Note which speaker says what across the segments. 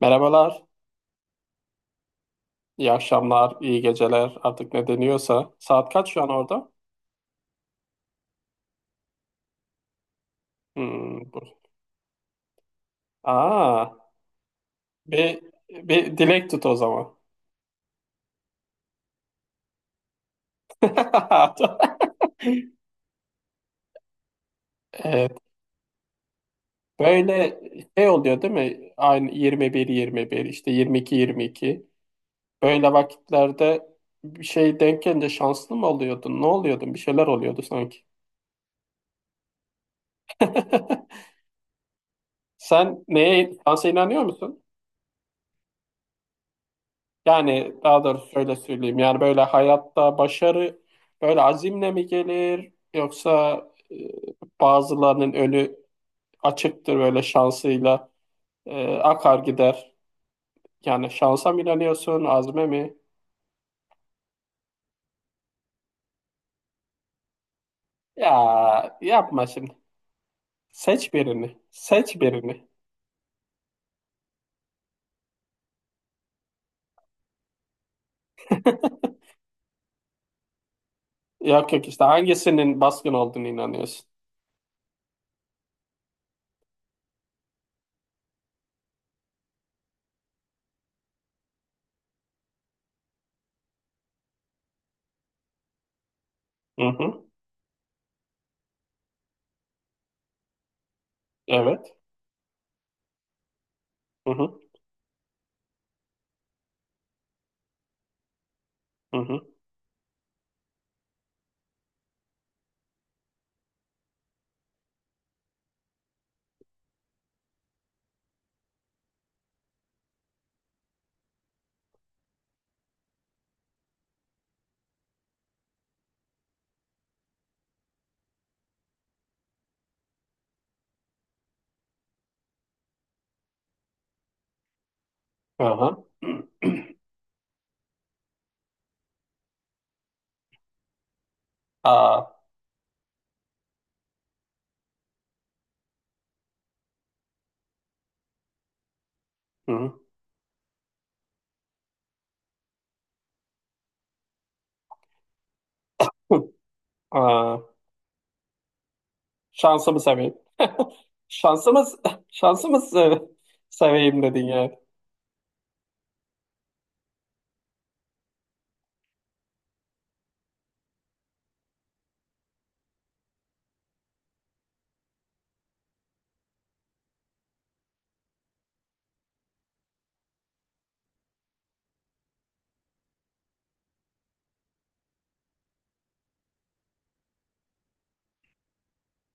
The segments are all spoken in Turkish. Speaker 1: Merhabalar, iyi akşamlar, iyi geceler artık ne deniyorsa. Saat kaç şu an orada? Hmm. bu. Aa, bir, bir dilek tut o zaman. Evet, böyle şey oluyor değil mi? Aynı 21-21 işte 22-22. Böyle vakitlerde bir şey denk gelince şanslı mı oluyordun? Ne oluyordun? Bir şeyler oluyordu sanki. Sen neye şansa inanıyor musun? Yani daha doğrusu şöyle söyleyeyim. Yani böyle hayatta başarı böyle azimle mi gelir yoksa e, bazılarının önü açıktır böyle şansıyla akar gider. Yani şansa mı inanıyorsun, azme mi? Ya yapma şimdi. Seç birini. Seç birini. Yok yok, işte hangisinin baskın olduğunu inanıyorsun? Hı hı. Evet. Hı hı. Hı hı. Aha. Aa. Hı hı. Hı. Aa. Şansımı seveyim. Şansımız, şansımız seveyim dedin yani.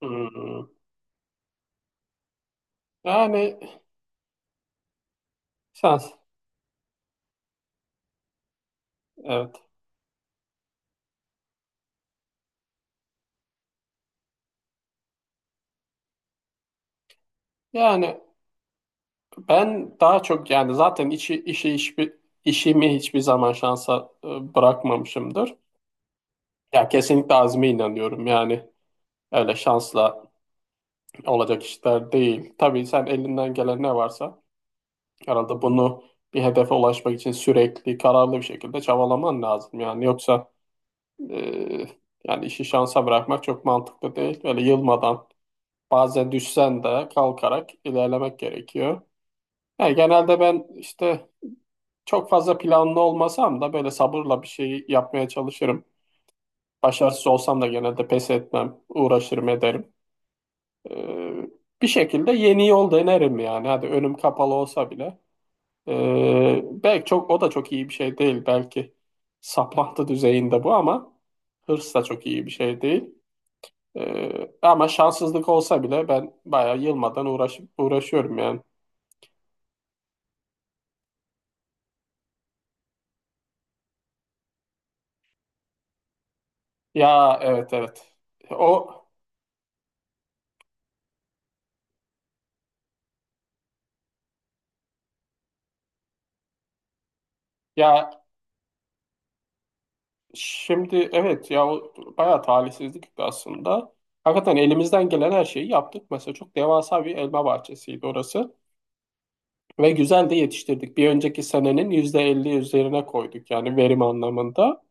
Speaker 1: Hmm. Yani şans, evet. Yani ben daha çok, yani zaten işimi hiçbir zaman şansa bırakmamışımdır. Ya kesinlikle azme inanıyorum yani. Öyle şansla olacak işler değil. Tabii sen elinden gelen ne varsa herhalde bunu bir hedefe ulaşmak için sürekli kararlı bir şekilde çabalaman lazım yani. Yoksa... Ee, yani işi şansa bırakmak çok mantıklı değil. Böyle yılmadan bazen düşsen de kalkarak ilerlemek gerekiyor. Yani genelde ben işte çok fazla planlı olmasam da böyle sabırla bir şey yapmaya çalışırım. Başarısız olsam da genelde pes etmem, uğraşırım ederim. Ee, bir şekilde yeni yol denerim yani. Hadi önüm kapalı olsa bile. Belki çok, o da çok iyi bir şey değil. Belki saplantı düzeyinde bu, ama hırs da çok iyi bir şey değil. Ama şanssızlık olsa bile ben bayağı yılmadan uğraşıp uğraşıyorum yani. Ya, evet evet. O ya şimdi, evet ya, o bayağı talihsizlik aslında. Hakikaten elimizden gelen her şeyi yaptık. Mesela çok devasa bir elma bahçesiydi orası. Ve güzel de yetiştirdik. Bir önceki senenin %50 üzerine koyduk yani verim anlamında.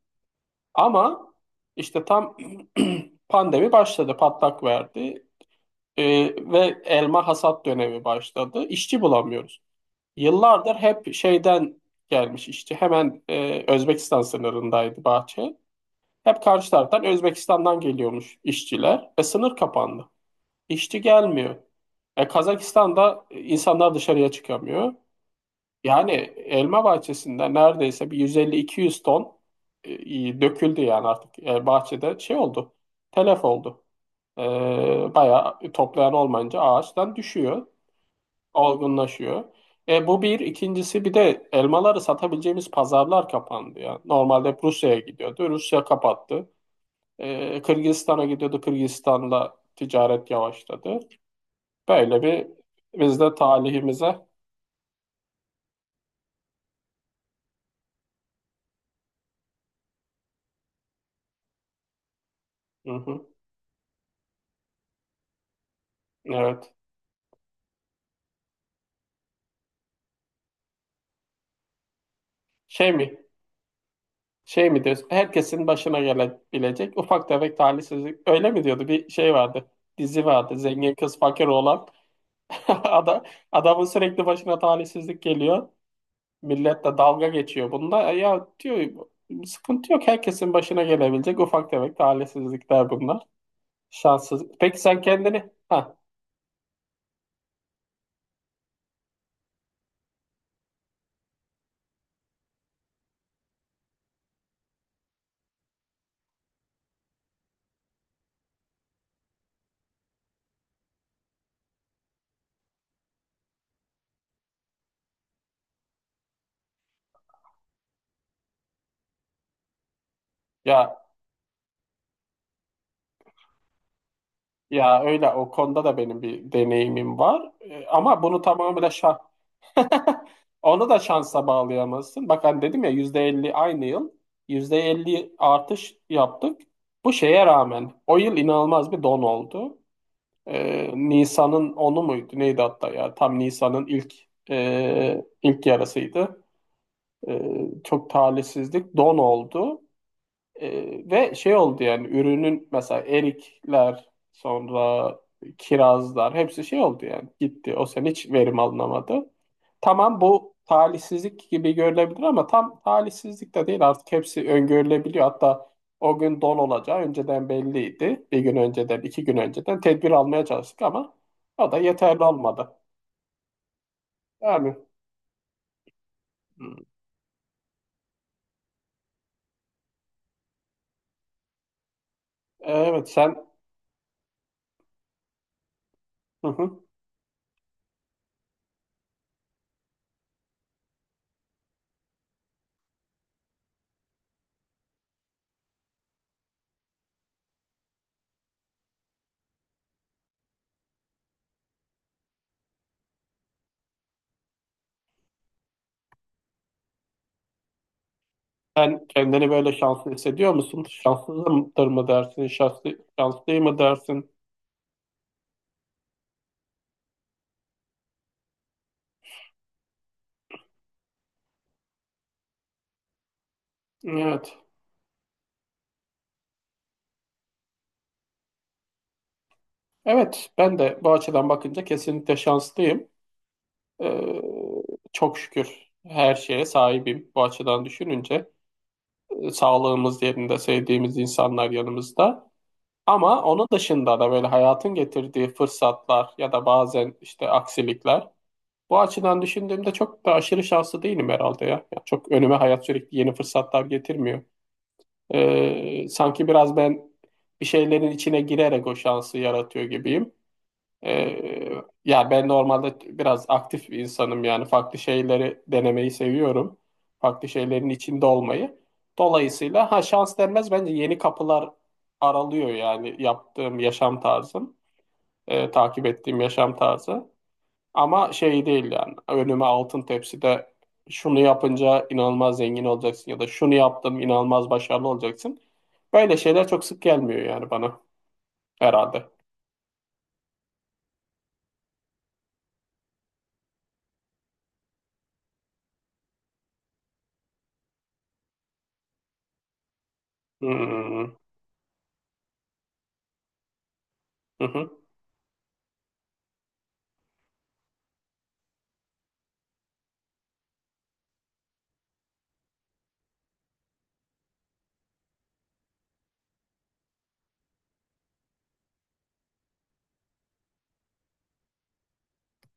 Speaker 1: Ama işte tam pandemi başladı, patlak verdi. Ve elma hasat dönemi başladı. İşçi bulamıyoruz. Yıllardır hep şeyden gelmiş işçi. Hemen Özbekistan sınırındaydı bahçe. Hep karşı taraftan Özbekistan'dan geliyormuş işçiler. Sınır kapandı. İşçi gelmiyor. Kazakistan'da insanlar dışarıya çıkamıyor. Yani elma bahçesinde neredeyse bir 150-200 ton döküldü yani artık. Bahçede şey oldu. Telef oldu. E, bayağı, toplayan olmayınca ağaçtan düşüyor, olgunlaşıyor. Bu bir. İkincisi, bir de elmaları satabileceğimiz pazarlar kapandı ya. Normalde hep Rusya'ya gidiyordu. Rusya kapattı. Kırgızistan'a gidiyordu. Kırgızistan'la ticaret yavaşladı. Böyle bir, biz de talihimize... Hı hı. Evet. Şey mi? Şey mi diyorsun? Herkesin başına gelebilecek ufak tefek talihsizlik. Öyle mi diyordu? Bir şey vardı. Dizi vardı. Zengin kız fakir oğlan. Ada, adamın sürekli başına talihsizlik geliyor. Millet de dalga geçiyor bunda. Ya, diyor, sıkıntı yok. Herkesin başına gelebilecek ufak tefek talihsizlikler bunlar. Şanssız. Peki sen kendini... Ha, ya, ya öyle, o konuda da benim bir deneyimim var. Ama bunu tamamıyla şah... Onu da şansa bağlayamazsın. Bak hani dedim ya, %50 aynı yıl %50 artış yaptık. Bu şeye rağmen o yıl inanılmaz bir don oldu. Nisan'ın onu muydu? Neydi hatta ya? Tam Nisan'ın ilk yarısıydı. Çok talihsizlik don oldu. Ve şey oldu yani ürünün, mesela erikler sonra kirazlar hepsi şey oldu yani, gitti. O sene hiç verim alınamadı. Tamam, bu talihsizlik gibi görülebilir ama tam talihsizlik de değil, artık hepsi öngörülebiliyor. Hatta o gün don olacağı önceden belliydi. Bir gün önceden, iki gün önceden tedbir almaya çalıştık ama o da yeterli olmadı. Yani... Hmm. Evet sen... Hı hı. Sen kendini böyle şanslı hissediyor musun? Şanslıdır mı dersin? Şanslı mı dersin? Evet. Evet, ben de bu açıdan bakınca kesinlikle şanslıyım. Ee, çok şükür her şeye sahibim bu açıdan düşününce. Sağlığımız yerinde, sevdiğimiz insanlar yanımızda. Ama onun dışında da böyle hayatın getirdiği fırsatlar ya da bazen işte aksilikler. Bu açıdan düşündüğümde çok da aşırı şanslı değilim herhalde ya. Yani çok önüme hayat sürekli yeni fırsatlar getirmiyor. Sanki biraz ben bir şeylerin içine girerek o şansı yaratıyor gibiyim. Ee, ya ben normalde biraz aktif bir insanım, yani farklı şeyleri denemeyi seviyorum. Farklı şeylerin içinde olmayı. Dolayısıyla ha, şans denmez bence, yeni kapılar aralıyor yani yaptığım yaşam tarzım, takip ettiğim yaşam tarzı. Ama şey değil yani, önüme altın tepside şunu yapınca inanılmaz zengin olacaksın ya da şunu yaptım inanılmaz başarılı olacaksın. Böyle şeyler çok sık gelmiyor yani bana herhalde. Hmm. Hı hı.